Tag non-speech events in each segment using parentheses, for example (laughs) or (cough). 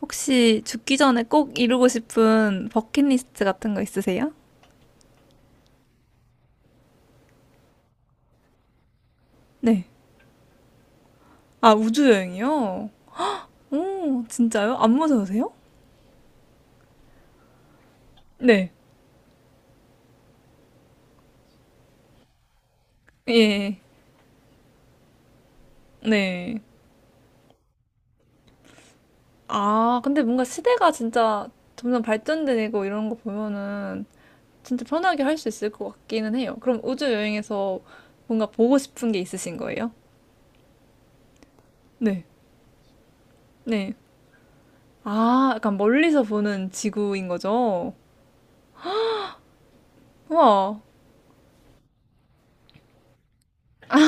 혹시 죽기 전에 꼭 이루고 싶은 버킷리스트 같은 거 있으세요? 네. 아, 우주 여행이요? 오, 진짜요? 안 무서우세요? 네. 예. 네. 아, 근데 뭔가 시대가 진짜 점점 발전되고 이런 거 보면은 진짜 편하게 할 수 있을 것 같기는 해요. 그럼 우주 여행에서 뭔가 보고 싶은 게 있으신 거예요? 네. 네. 아, 약간 멀리서 보는 지구인 거죠? 우와.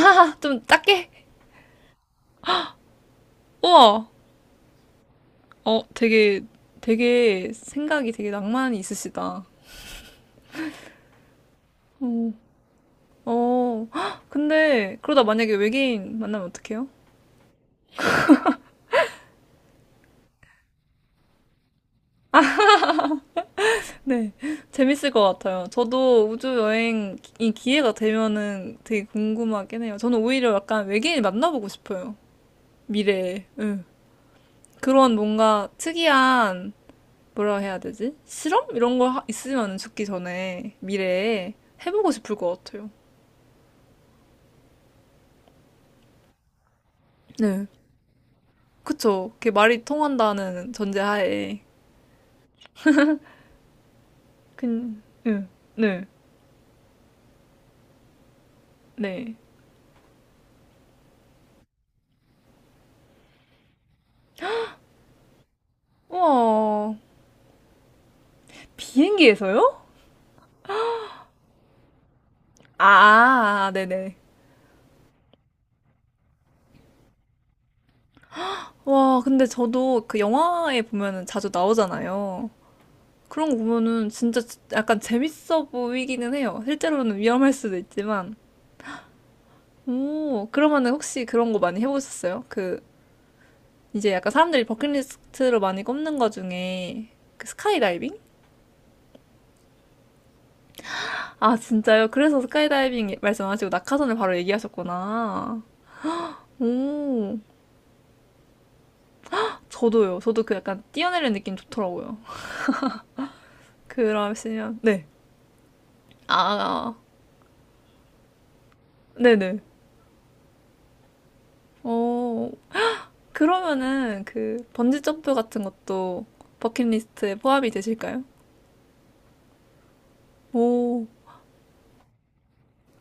아, 좀 작게. 우와. 어, 되게, 되게 생각이 되게 낭만이 있으시다. 어, 헉, 근데 그러다 만약에 외계인 만나면 어떡해요? 네, (laughs) 재밌을 것 같아요. 저도 우주 여행이 기회가 되면은 되게 궁금하긴 해요. 저는 오히려 약간 외계인 만나보고 싶어요. 미래에. 응. 그런 뭔가 특이한, 뭐라 해야 되지? 실험? 있으면 죽기 전에 미래에 해보고 싶을 것 같아요. 네. 그쵸. 그게 말이 통한다는 전제하에. 네, 네, 네. 우와, 비행기에서요? 아, 네네. 와, 근데 저도 그 영화에 보면은 자주 나오잖아요. 그런 거 보면은 진짜 약간 재밌어 보이기는 해요. 실제로는 위험할 수도 있지만. 오, 그러면은 혹시 그런 거 많이 해보셨어요? 그, 이제 약간 사람들이 버킷리스트로 많이 꼽는 거 중에 그 스카이다이빙? 아, 진짜요? 그래서 스카이다이빙 말씀하시고 낙하산을 바로 얘기하셨구나. 오. 저도요. 저도 그 약간 뛰어내리는 느낌 좋더라고요. 그러시면 네. 아, 네네. 어, 그러면은 그 번지 점프 같은 것도 버킷리스트에 포함이 되실까요? 오,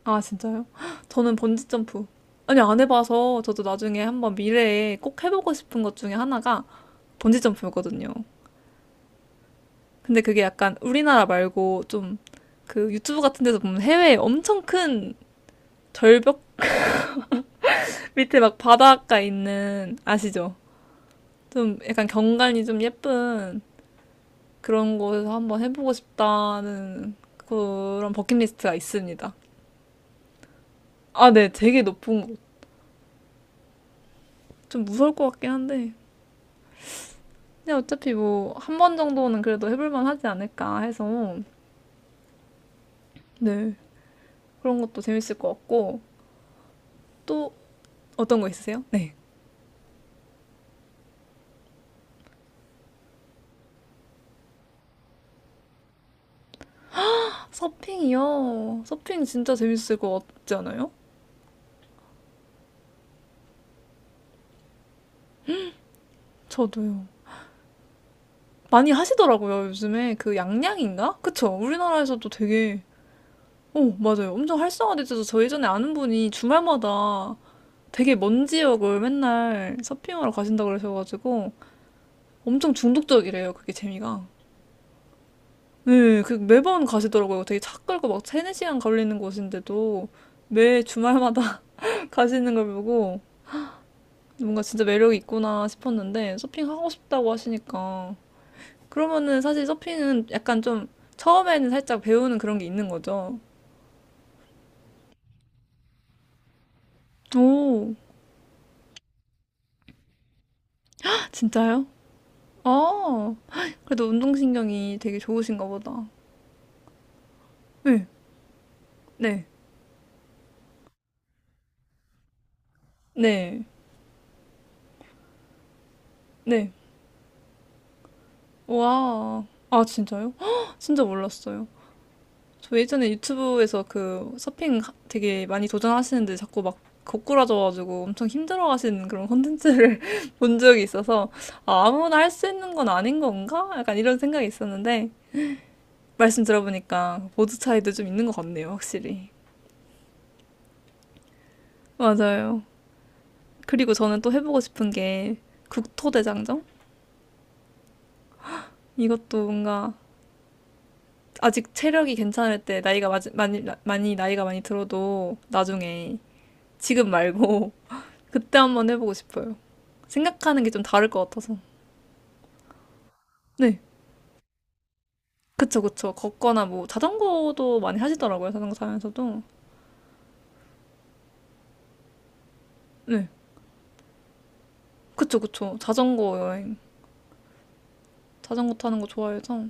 아 진짜요? (gasps) 헉, 저는 번지 점프 아니 안 해봐서 저도 나중에 한번 미래에 꼭 해보고 싶은 것 중에 하나가 번지 점프였거든요. 근데 그게 약간 우리나라 말고 좀 그 유튜브 같은 데서 보면 해외에 엄청 큰 절벽 밑에 막 바닷가 있는, 아시죠? 좀 약간 경관이 좀 예쁜 그런 곳에서 한번 해보고 싶다는 그런 버킷리스트가 있습니다. 아, 네. 되게 높은 곳. 좀 무서울 것 같긴 한데. 근데 어차피 뭐, 한 번 정도는 그래도 해볼만 하지 않을까 해서, 네. 그런 것도 재밌을 것 같고, 또 어떤 거 있으세요? 네. 서핑이요. 서핑 진짜 재밌을 것 같지 않아요? 저도요. 많이 하시더라고요, 요즘에. 그 양양인가? 그쵸? 우리나라에서도 되게, 어, 맞아요. 엄청 활성화돼서 저 예전에 아는 분이 주말마다 되게 먼 지역을 맨날 서핑하러 가신다고 그러셔가지고 엄청 중독적이래요, 그게 재미가. 네, 그 매번 가시더라고요. 되게 차 끌고 막 3~4시간 걸리는 곳인데도 매 주말마다 (laughs) 가시는 걸 보고 뭔가 진짜 매력이 있구나 싶었는데 서핑하고 싶다고 하시니까 그러면은 사실 서핑은 약간 좀 처음에는 살짝 배우는 그런 게 있는 거죠. 오, 진짜요? 아, (gasps) 그래도 운동신경이 되게 좋으신가 보다. 네, 네, 네, 네. 와, 아, 진짜요? (gasps) 헉, 진짜 몰랐어요. 저 예전에 유튜브에서 그 서핑 되게 많이 도전하시는데 자꾸 막 거꾸라져가지고 엄청 힘들어 하시는 그런 콘텐츠를 (laughs) 본 적이 있어서 아, 아무나 할 수 있는 건 아닌 건가? 약간 이런 생각이 있었는데 말씀 들어보니까 보드 차이도 좀 있는 것 같네요, 확실히. 맞아요. 그리고 저는 또 해보고 싶은 게 국토대장정? 이것도 뭔가 아직 체력이 괜찮을 때 많이, 많이 나이가 많이 들어도 나중에 지금 말고 (laughs) 그때 한번 해보고 싶어요. 생각하는 게 좀 다를 것 같아서. 네. 그쵸, 그쵸. 걷거나 뭐 자전거도 많이 하시더라고요. 자전거 타면서도. 네. 그쵸, 그쵸. 자전거 여행. 자전거 타는 거 좋아해서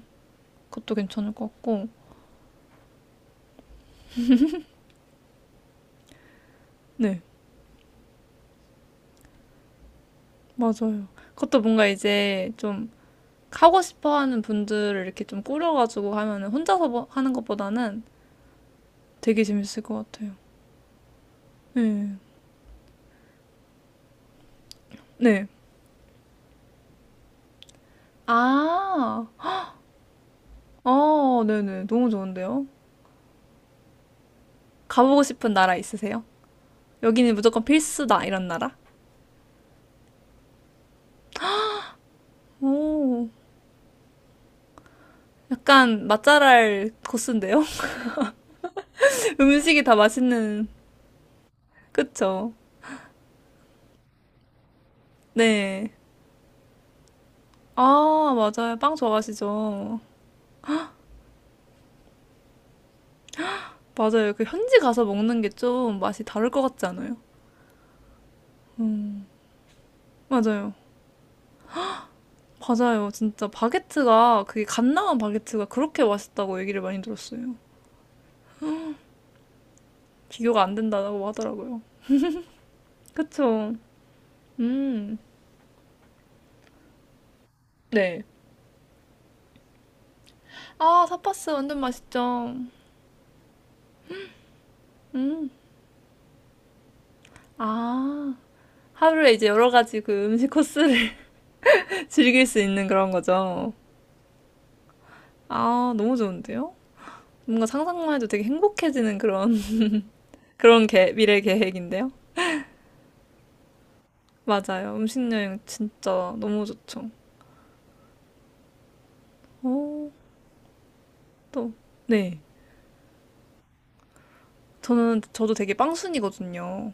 그것도 괜찮을 것 같고. 네. 맞아요. 그것도 뭔가 이제 좀 하고 싶어 하는 분들을 이렇게 좀 꾸려가지고 하면은 혼자서 뭐- 하는 것보다는 되게 재밌을 것 같아요. 네. 네. 아, 어, 네네. 너무 좋은데요? 가보고 싶은 나라 있으세요? 여기는 무조건 필수다, 이런 나라? 오, 약간 맛잘알 코스인데요? (laughs) 음식이 다 맛있는, 그쵸? 네. 아, 맞아요. 빵 좋아하시죠? 맞아요. 그 현지 가서 먹는 게 좀 맛이 다를 것 같지 않아요? 맞아요. 맞아요. 진짜 바게트가 그게 갓 나온 바게트가 그렇게 맛있다고 얘기를 많이 들었어요. 비교가 안 된다고 하더라고요. 그쵸? 음. 네. 아, 삿바스 완전 맛있죠. 아, 하루에 이제 여러 가지 그 음식 코스를 (laughs) 즐길 수 있는 그런 거죠. 아, 너무 좋은데요? 뭔가 상상만 해도 되게 행복해지는 그런 (laughs) 미래 계획인데요. 맞아요. 음식 여행 진짜 너무 좋죠. 오, 또 네. 저는 저도 되게 빵순이거든요.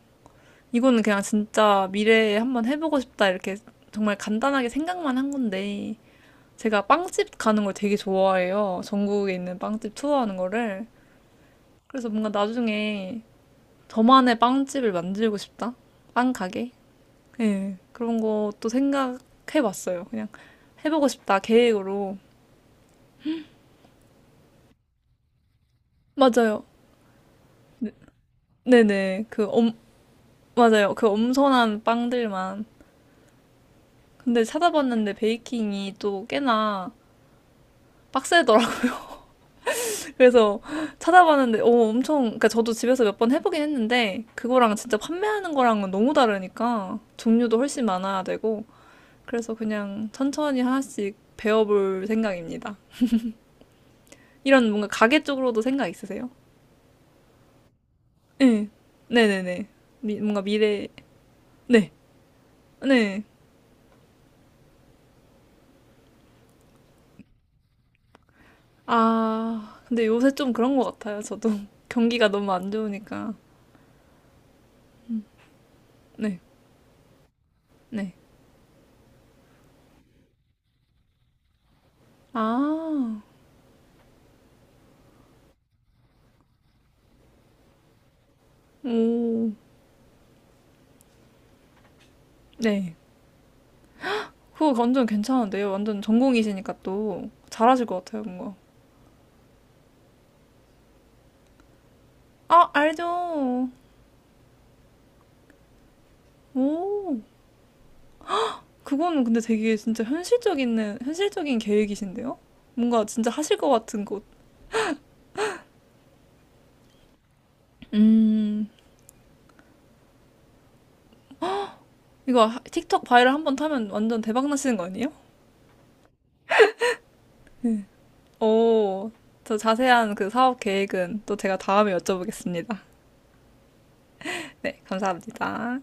이거는 그냥 진짜 미래에 한번 해보고 싶다 이렇게 정말 간단하게 생각만 한 건데 제가 빵집 가는 걸 되게 좋아해요. 전국에 있는 빵집 투어하는 거를. 그래서 뭔가 나중에 저만의 빵집을 만들고 싶다. 빵 가게. 예. 네, 그런 것도 생각해봤어요. 그냥 해보고 싶다 계획으로. 맞아요. 네, 네네. 맞아요. 그 엄선한 빵들만. 근데 찾아봤는데 베이킹이 또 꽤나 빡세더라고요. (laughs) 그래서 찾아봤는데, 오, 엄청, 그러니까 저도 집에서 몇 번 해보긴 했는데, 그거랑 진짜 판매하는 거랑은 너무 다르니까, 종류도 훨씬 많아야 되고, 그래서 그냥 천천히 하나씩 배워볼 생각입니다. 이런 뭔가 가게 쪽으로도 생각 있으세요? 네. 네네네. 뭔가 미래, 네. 네. 아, 근데 요새 좀 그런 것 같아요. 저도. (laughs) 경기가 너무 안 좋으니까. 네. 네. 아, 오, 네. 그거 완전 괜찮은데요. 완전 전공이시니까 또 잘하실 것 같아요, 뭔가. 아, 알죠. 오, 그거는 근데 되게 진짜 현실적인, 현실적인 계획이신데요? 뭔가 진짜 하실 것 같은 곳. 음, 틱톡 바이럴 한번 타면 완전 대박 나시는 거 아니에요? 오, 저 자세한 그 사업 계획은 또 제가 다음에 여쭤보겠습니다. (laughs) 네, 감사합니다.